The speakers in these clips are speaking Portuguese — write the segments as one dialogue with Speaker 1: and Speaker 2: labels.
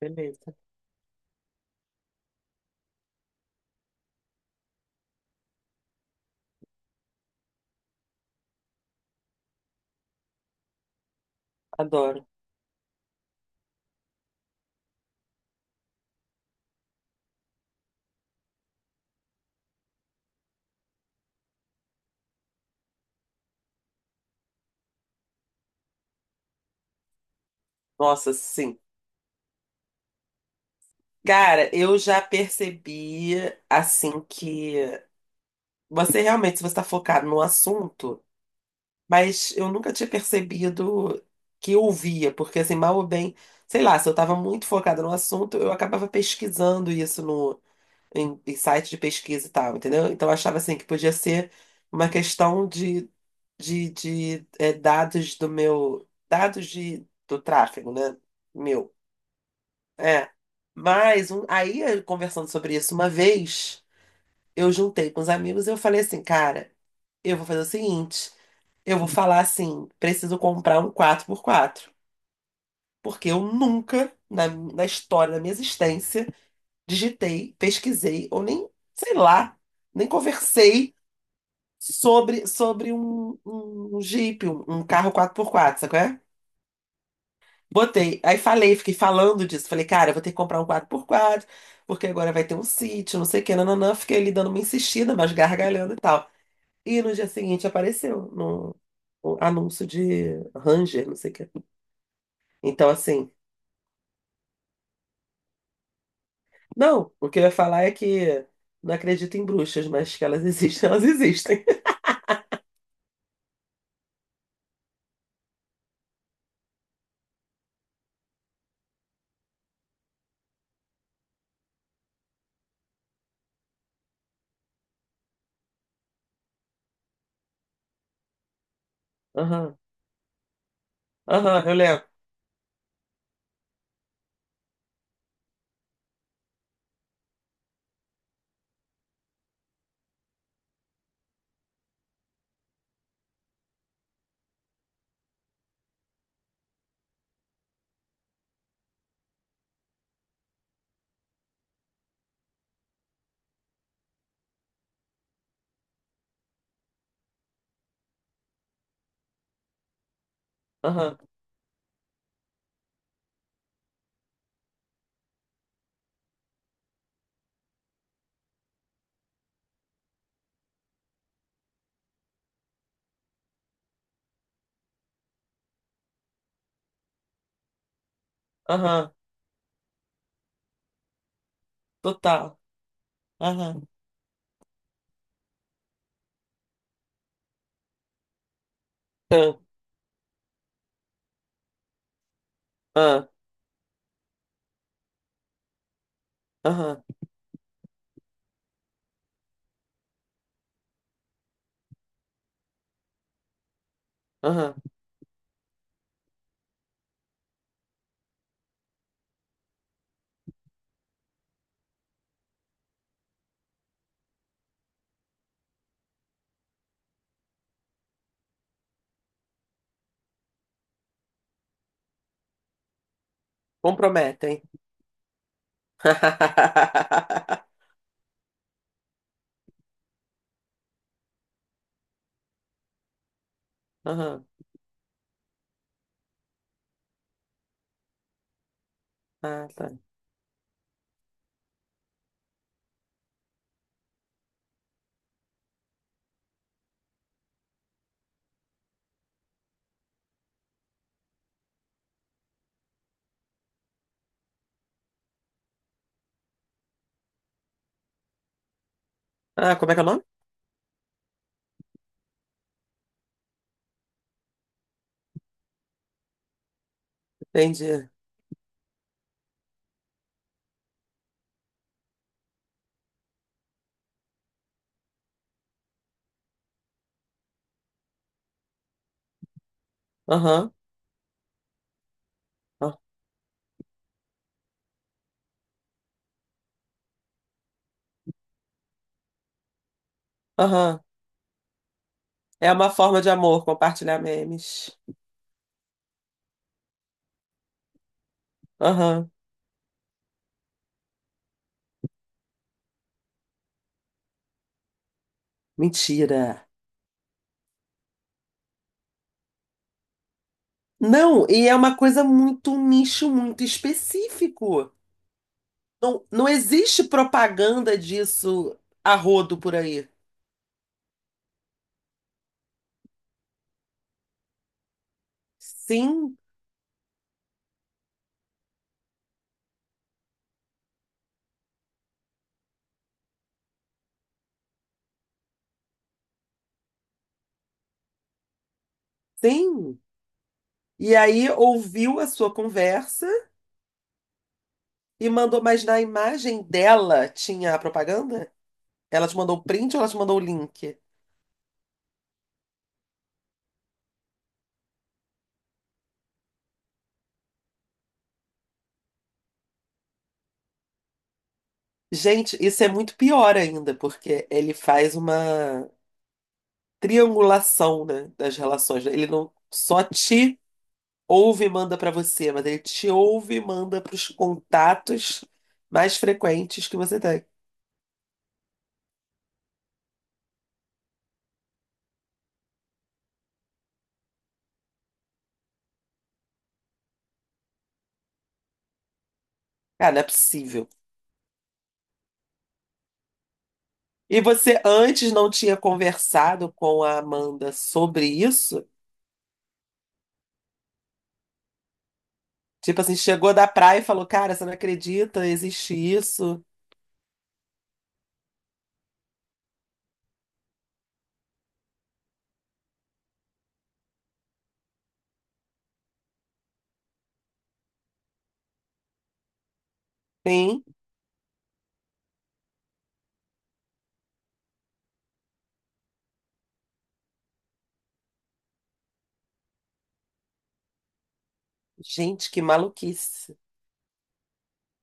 Speaker 1: Beleza. Adoro. Nossa, sim. Cara, eu já percebi, assim, que você realmente, se você está focado no assunto, mas eu nunca tinha percebido que eu ouvia, porque, assim, mal ou bem, sei lá, se eu estava muito focada no assunto, eu acabava pesquisando isso no, em, site de pesquisa e tal, entendeu? Então, eu achava, assim, que podia ser uma questão de dados dados do tráfego, né? Meu. É. Mas aí, eu conversando sobre isso uma vez, eu juntei com os amigos e eu falei assim, cara, eu vou fazer o seguinte, eu vou falar assim, preciso comprar um quatro por quatro porque eu nunca, na história da minha existência, digitei, pesquisei, ou nem, sei lá, nem conversei sobre um Jeep, um carro quatro por quatro, sabe? Botei. Aí falei, fiquei falando disso. Falei, cara, eu vou ter que comprar um quadro por quadro, porque agora vai ter um sítio, não sei o que, nananã. Fiquei ali dando uma insistida, mas gargalhando e tal. E no dia seguinte apareceu no, o anúncio de Ranger, não sei o que. Então, assim, não, o que eu ia falar é que não acredito em bruxas, mas que elas existem, elas existem. Aham, aham, eu lembro. Aham, aham, total. Aham, aham, aham, aham. Comprometem. Aham. Ah, tá. Ah, como é que é o nome? Entendi. Aham. Ah, aham. É uma forma de amor compartilhar memes. Aham. Mentira. Não, e é uma coisa muito, um nicho muito específico. Não, não existe propaganda disso a rodo por aí. Sim, sim. E aí ouviu a sua conversa e mandou, mas na imagem dela tinha a propaganda? Ela te mandou o print ou ela te mandou o link? Gente, isso é muito pior ainda, porque ele faz uma triangulação, né, das relações, né. Ele não só te ouve e manda para você, mas ele te ouve e manda para os contatos mais frequentes que você tem. Cara, não é possível. E você antes não tinha conversado com a Amanda sobre isso? Tipo assim, chegou da praia e falou: cara, você não acredita, existe isso. Sim. Gente, que maluquice.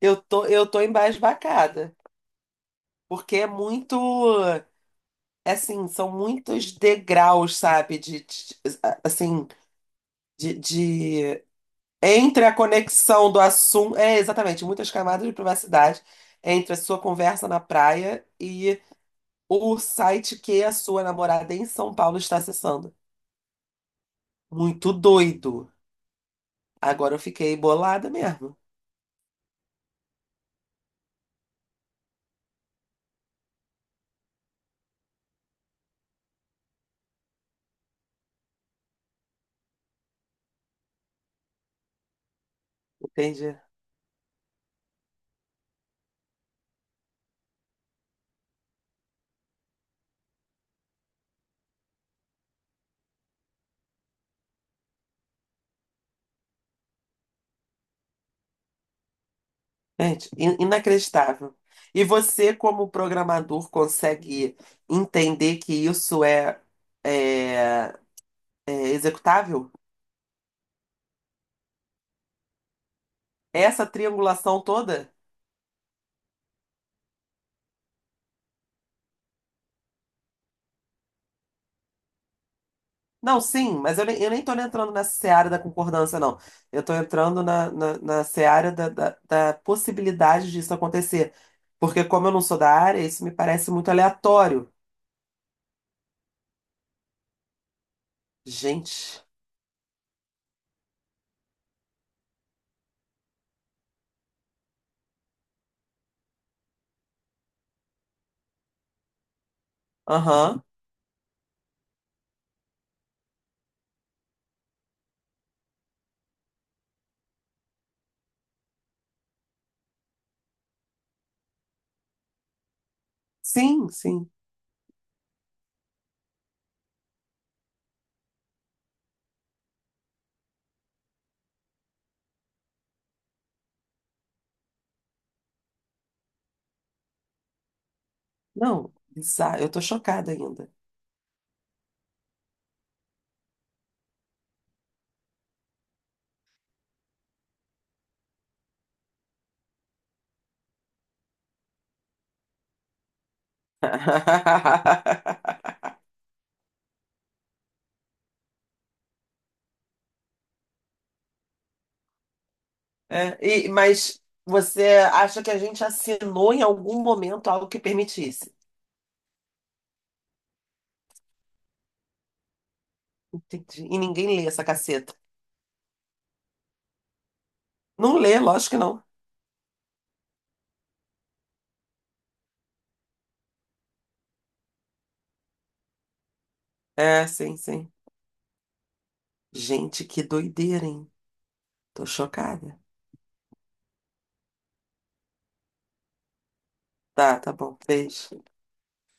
Speaker 1: Eu tô embasbacada. Porque é muito, é assim, são muitos degraus, sabe? Assim, de, de- entre a conexão do assunto, é exatamente, muitas camadas de privacidade entre a sua conversa na praia e o site que a sua namorada em São Paulo está acessando. Muito doido. Agora eu fiquei bolada mesmo. Entendi. Gente, inacreditável. E você, como programador, consegue entender que isso é, é executável? Essa triangulação toda? Não, sim, mas eu nem tô entrando nessa seara da concordância, não. Eu tô entrando na seara da possibilidade disso acontecer. Porque como eu não sou da área, isso me parece muito aleatório. Gente, aham. Sim, sim. Não, bizarro. Eu tô chocada ainda. É, e- mas você acha que a gente assinou em algum momento algo que permitisse? Entendi. E ninguém lê essa caceta. Não lê, lógico que não. É, sim, sim. Gente, que doideira, hein? Tô chocada. Tá, tá bom. Beijo.